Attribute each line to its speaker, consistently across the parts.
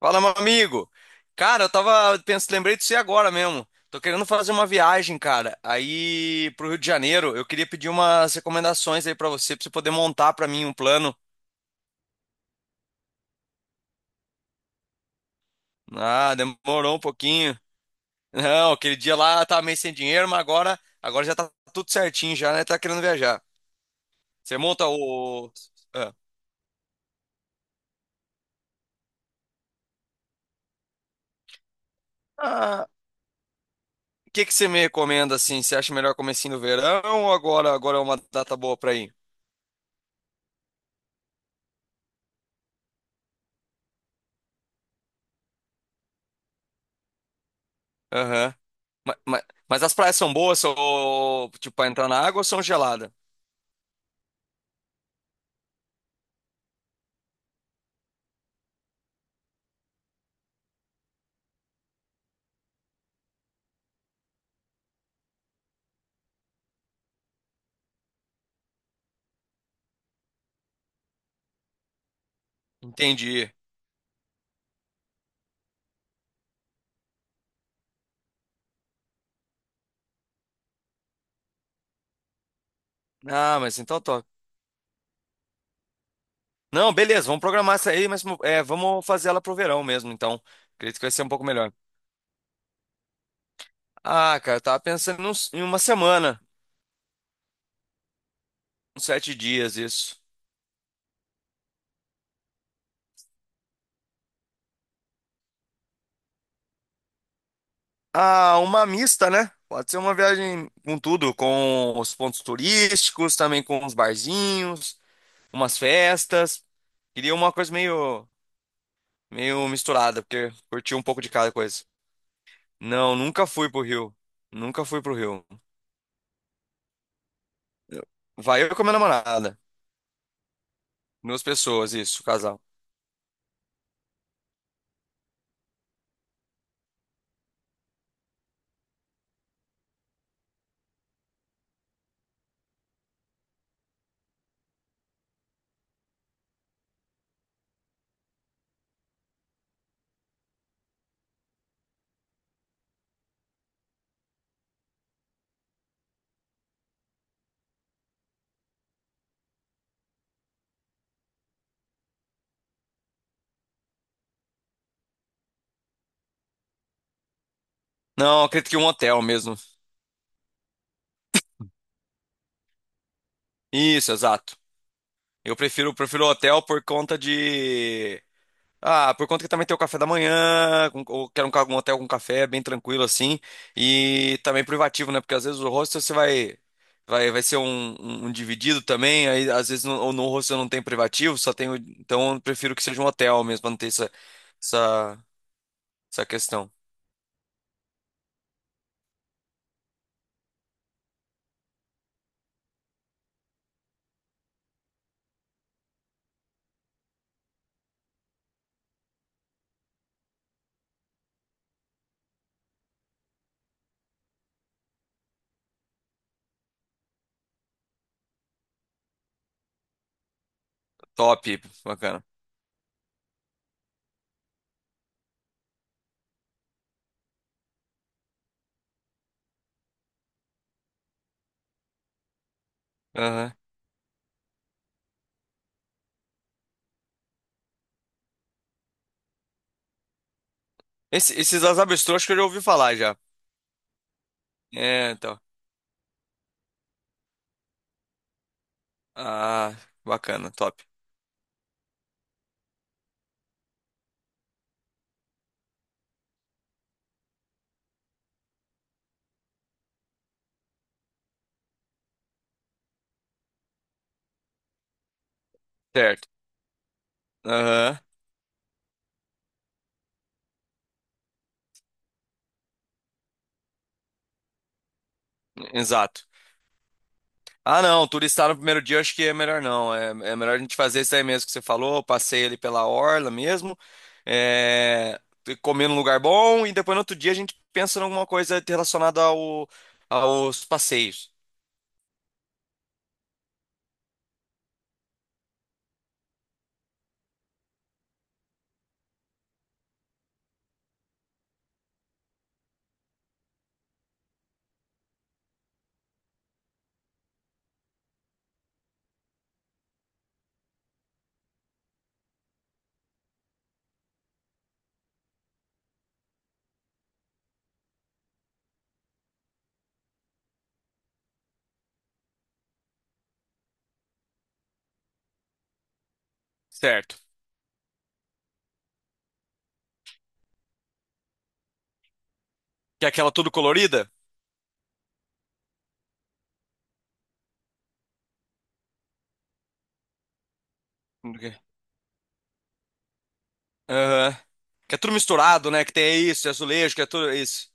Speaker 1: Fala, meu amigo. Cara, eu tava pensando, lembrei de você agora mesmo. Tô querendo fazer uma viagem, cara, aí pro Rio de Janeiro. Eu queria pedir umas recomendações aí pra você poder montar pra mim um plano. Ah, demorou um pouquinho. Não, aquele dia lá eu tava meio sem dinheiro, mas agora, agora já tá tudo certinho já, né? Tá querendo viajar. Você monta o... Ah, Ah, o que que você me recomenda, assim? Você acha melhor comecinho do verão ou agora, agora é uma data boa pra ir? Aham. Ma- ma- Mas, as praias são boas, ou, tipo, pra entrar na água ou são geladas? Entendi. Ah, mas então tô. Não, beleza, vamos programar essa aí, mas é, vamos fazer ela pro verão mesmo, então. Acredito que vai ser um pouco melhor. Ah, cara, eu tava pensando em em 1 semana, uns 7 dias, isso. Ah, uma mista, né? Pode ser uma viagem com tudo, com os pontos turísticos, também com uns barzinhos, umas festas. Queria uma coisa meio, meio misturada, porque curti um pouco de cada coisa. Não, nunca fui pro Rio. Nunca fui pro Rio. Vai eu com a minha namorada. Duas pessoas, isso, casal. Não, acredito que um hotel mesmo. Isso, exato. Eu prefiro hotel por conta de. Ah, por conta que também tem o café da manhã, ou quero um, um hotel com café, bem tranquilo assim. E também privativo, né? Porque às vezes o hostel você vai. Vai ser um, um dividido também, aí às vezes no, ou no hostel não tem privativo, só tem. Então eu prefiro que seja um hotel mesmo, pra não ter essa, essa, essa questão. Top, bacana. Aham. Esses Azabestrô, que eu já ouvi falar já. É, então. Ah, bacana, top. Certo. Aham, exato. Ah, não, turistar no primeiro dia eu acho que é melhor não. É, é melhor a gente fazer isso aí mesmo que você falou, passeio ali pela orla mesmo, é, comer num lugar bom e depois no outro dia a gente pensa em alguma coisa relacionada ao, aos passeios. Certo. Que é aquela tudo colorida? Aham. Que é tudo misturado, né? Que tem isso, é azulejo, que é tudo isso.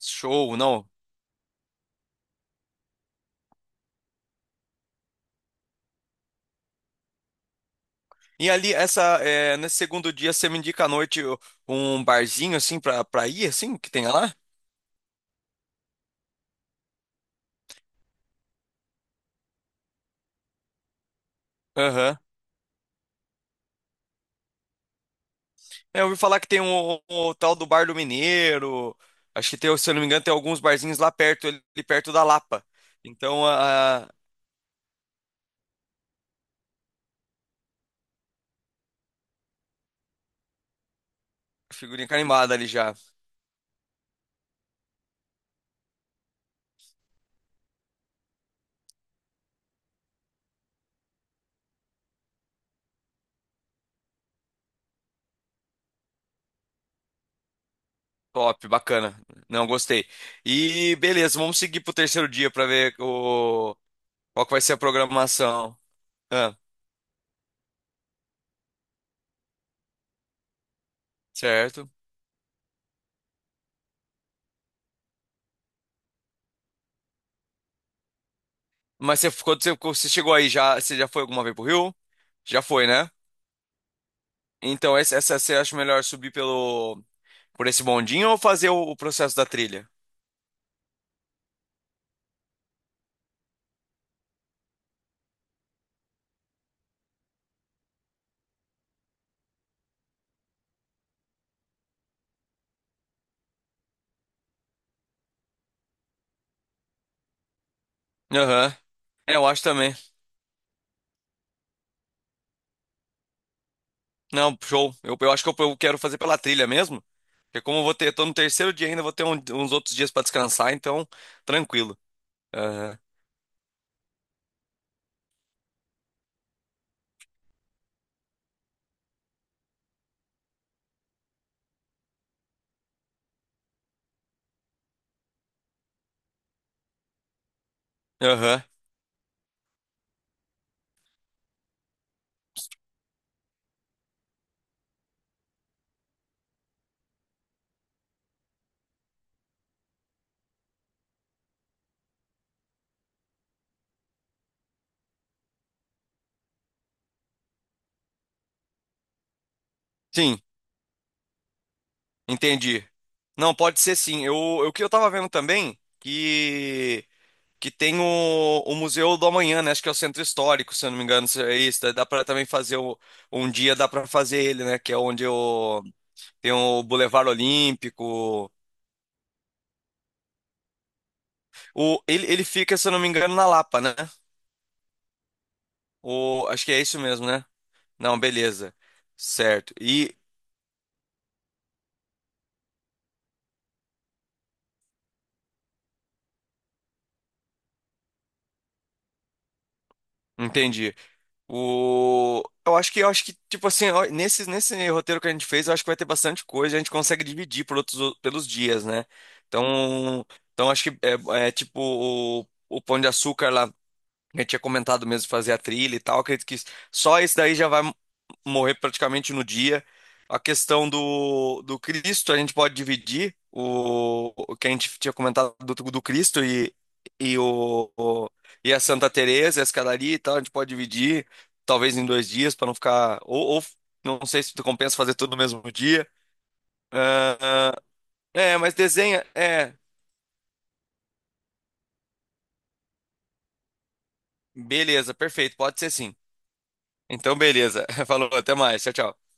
Speaker 1: Show, não. E ali, essa, é, nesse segundo dia, você me indica à noite um barzinho, assim, pra, pra ir, assim, que tenha lá? Aham. É, eu ouvi falar que tem o tal do Bar do Mineiro. Acho que tem, se eu não me engano, tem alguns barzinhos lá perto, ali perto da Lapa. Então, a figurinha carimbada ali já. Top, bacana. Não, gostei. E beleza, vamos seguir pro terceiro dia pra ver o, qual que vai ser a programação. Ah, certo. Mas você, quando você chegou aí, já, você já foi alguma vez pro Rio? Já foi, né? Então, essa você acha melhor subir pelo, por esse bondinho ou fazer o processo da trilha? Aham. É, eu acho também. Não, show. Eu acho que eu quero fazer pela trilha mesmo. Porque como eu vou ter, tô no terceiro dia ainda, eu vou ter uns outros dias pra descansar, então, tranquilo. Aham. Aham. Sim, entendi. Não, pode ser sim. Eu, o que eu tava vendo também, que tem o Museu do Amanhã, né? Acho que é o Centro Histórico, se eu não me engano, se é isso. Dá para também fazer um dia, dá para fazer ele, né? Que é onde o, tem o Boulevard Olímpico. O, ele fica, se eu não me engano, na Lapa, né? O, acho que é isso mesmo, né? Não, beleza. Certo. E entendi. O... eu acho que, tipo assim, ó, nesse, nesse roteiro que a gente fez, eu acho que vai ter bastante coisa, a gente consegue dividir por outros, pelos dias, né? Então, então acho que é, é tipo o Pão de Açúcar lá, que eu tinha comentado mesmo, de fazer a trilha e tal, acredito que só isso daí já vai, morrer praticamente no dia. A questão do, do Cristo, a gente pode dividir o que a gente tinha comentado do, do Cristo e, e, o, o- e a Santa Teresa, e a escadaria e tal, a gente pode dividir talvez em 2 dias para não ficar. Ou não sei se compensa fazer tudo no mesmo dia. Ah, é, mas desenha. É, beleza, perfeito, pode ser sim. Então, beleza. Falou, até mais. Tchau, tchau.